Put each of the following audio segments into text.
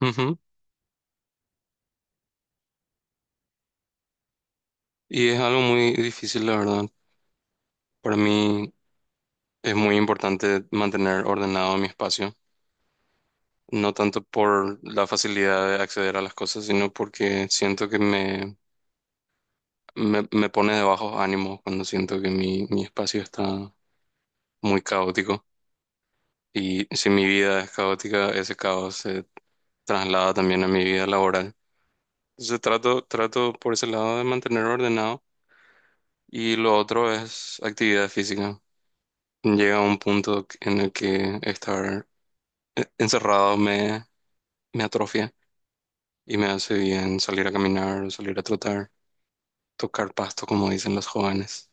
Ujú. Y es algo muy difícil, la verdad. Para mí es muy importante mantener ordenado mi espacio, no tanto por la facilidad de acceder a las cosas, sino porque siento que me pone de bajos ánimos cuando siento que mi espacio está muy caótico. Y si mi vida es caótica, ese caos se traslada también a mi vida laboral. Entonces trato por ese lado de mantener ordenado, y lo otro es actividad física. Llega a un punto en el que estar encerrado me atrofia y me hace bien salir a caminar, salir a trotar, tocar pasto, como dicen los jóvenes.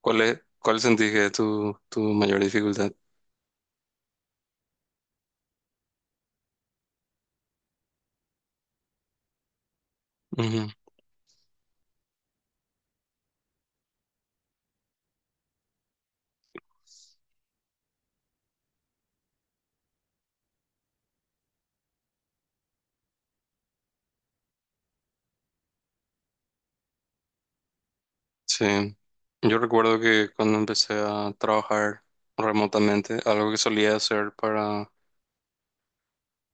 ¿Cuál sentís que es tu mayor dificultad? Ujú. Sí, yo recuerdo que cuando empecé a trabajar remotamente, algo que solía hacer para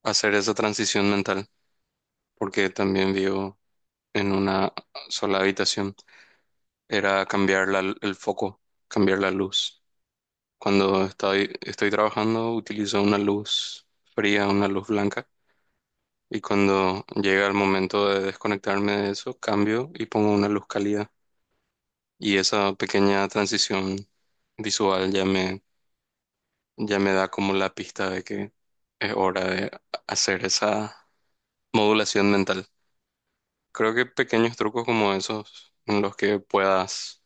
hacer esa transición mental, porque también vivo en una sola habitación, era cambiar el foco, cambiar la luz. Cuando estoy trabajando utilizo una luz fría, una luz blanca, y cuando llega el momento de desconectarme de eso, cambio y pongo una luz cálida. Y esa pequeña transición visual ya ya me da como la pista de que es hora de hacer esa modulación mental. Creo que pequeños trucos como esos en los que puedas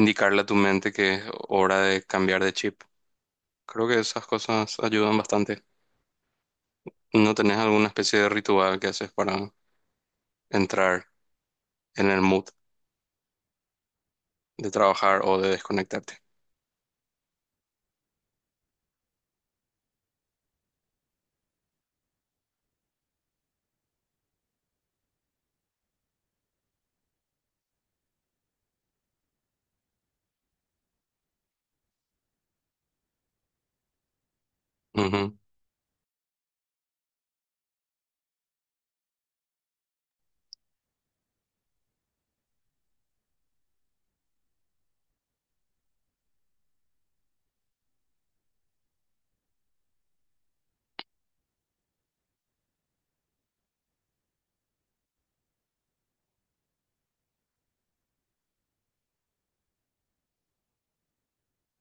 indicarle a tu mente que es hora de cambiar de chip. Creo que esas cosas ayudan bastante. ¿No tenés alguna especie de ritual que haces para entrar en el mood de trabajar o de desconectarte? Ujú.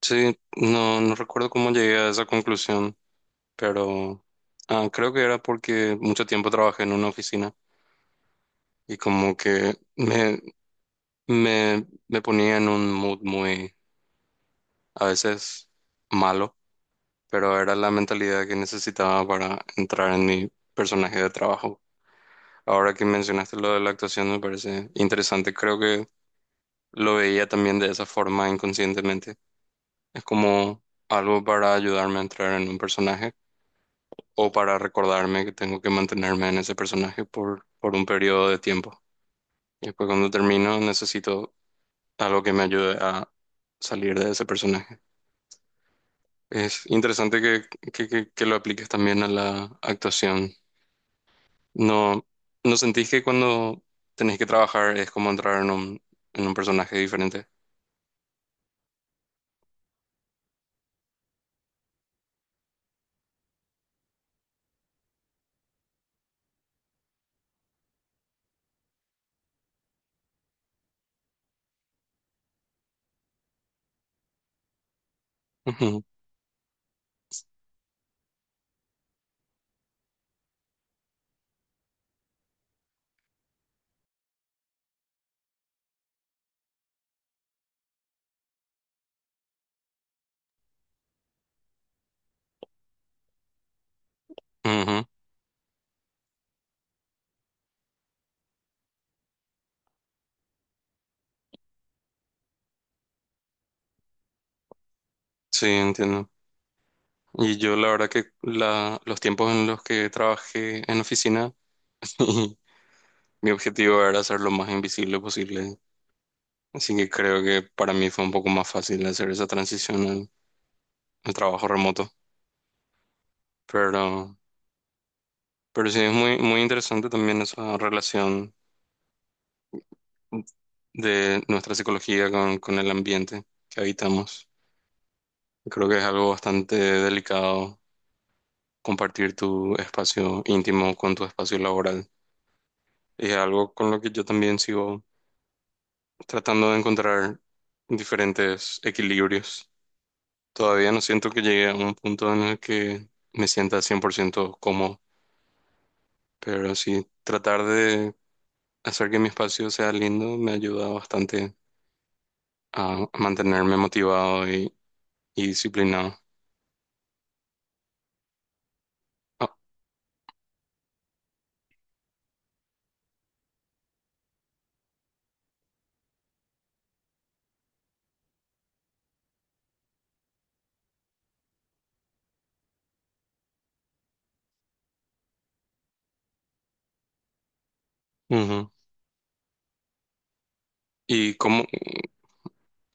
Sí, no no recuerdo cómo llegué a esa conclusión, pero creo que era porque mucho tiempo trabajé en una oficina y como que me ponía en un mood muy, a veces malo, pero era la mentalidad que necesitaba para entrar en mi personaje de trabajo. Ahora que mencionaste lo de la actuación me parece interesante. Creo que lo veía también de esa forma inconscientemente. Es como algo para ayudarme a entrar en un personaje o para recordarme que tengo que mantenerme en ese personaje por un periodo de tiempo. Y después cuando termino necesito algo que me ayude a salir de ese personaje. Es interesante que lo apliques también a la actuación. ¿No no sentís que cuando tenés que trabajar es como entrar en en un personaje diferente? Ujú, ujú. Sí, entiendo. Y yo la verdad que los tiempos en los que trabajé en oficina, mi objetivo era ser lo más invisible posible. Así que creo que para mí fue un poco más fácil hacer esa transición al trabajo remoto. Pero, pero sí, es muy interesante también esa relación de nuestra psicología con el ambiente que habitamos. Creo que es algo bastante delicado compartir tu espacio íntimo con tu espacio laboral. Es algo con lo que yo también sigo tratando de encontrar diferentes equilibrios. Todavía no siento que llegue a un punto en el que me sienta 100% cómodo, pero sí tratar de hacer que mi espacio sea lindo me ayuda bastante a mantenerme motivado y disciplinado. Ah, ujú. ¿Y cómo,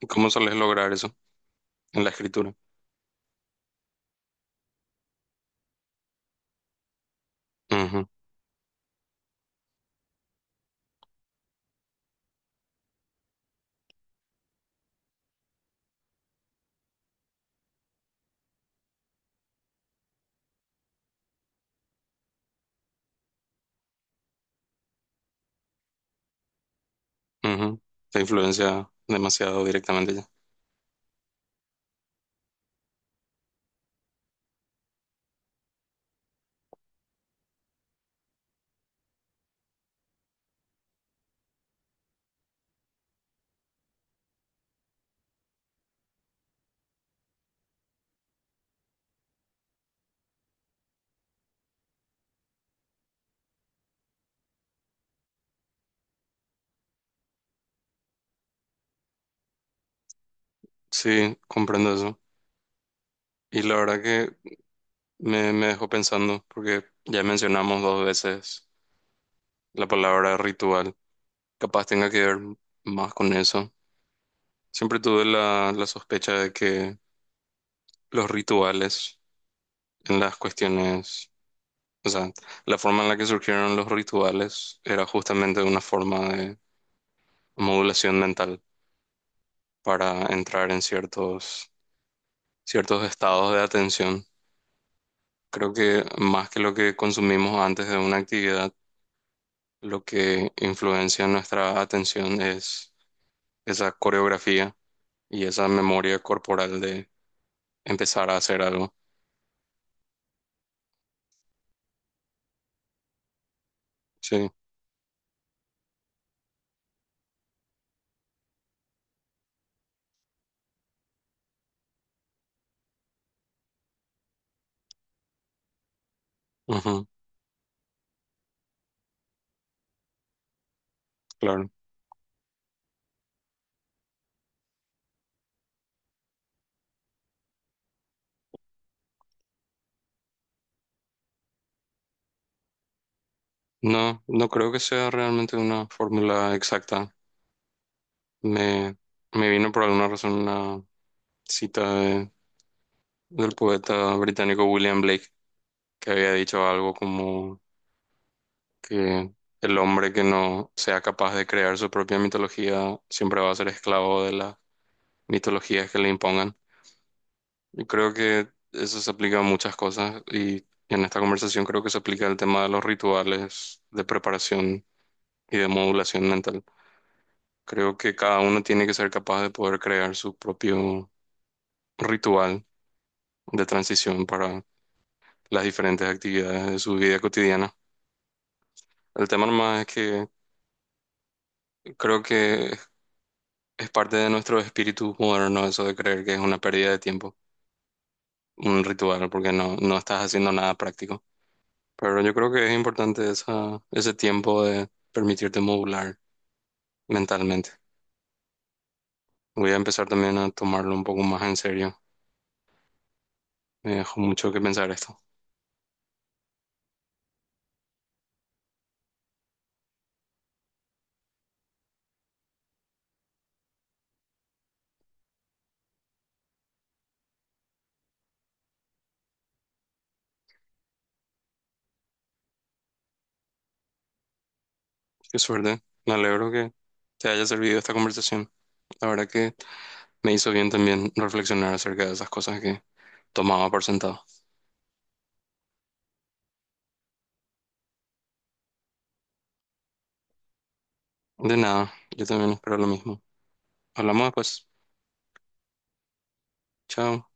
cómo sueles lograr eso en la escritura? Ujú, ujú. Te influencia demasiado directamente ya. Sí, comprendo eso. Y la verdad que me dejó pensando porque ya mencionamos dos veces la palabra ritual. Capaz tenga que ver más con eso. Siempre tuve la sospecha de que los rituales en las cuestiones, o sea, la forma en la que surgieron los rituales era justamente una forma de modulación mental para entrar en ciertos estados de atención. Creo que más que lo que consumimos antes de una actividad, lo que influencia nuestra atención es esa coreografía y esa memoria corporal de empezar a hacer algo. Sí, ujú, claro. No, no creo que sea realmente una fórmula exacta. Me, me vino por alguna razón una cita del poeta británico William Blake, que había dicho algo como que el hombre que no sea capaz de crear su propia mitología siempre va a ser esclavo de las mitologías que le impongan. Yo creo que eso se aplica a muchas cosas y en esta conversación creo que se aplica el tema de los rituales de preparación y de modulación mental. Creo que cada uno tiene que ser capaz de poder crear su propio ritual de transición para las diferentes actividades de su vida cotidiana. El tema nomás es que creo que es parte de nuestro espíritu moderno eso de creer que es una pérdida de tiempo, un ritual, porque no no estás haciendo nada práctico. Pero yo creo que es importante ese tiempo de permitirte modular mentalmente. Voy a empezar también a tomarlo un poco más en serio. Me dejó mucho que pensar esto. Qué suerte. Me alegro que te haya servido esta conversación. La verdad que me hizo bien también reflexionar acerca de esas cosas que tomaba por sentado. De nada, yo también espero lo mismo. Hablamos después. Chao.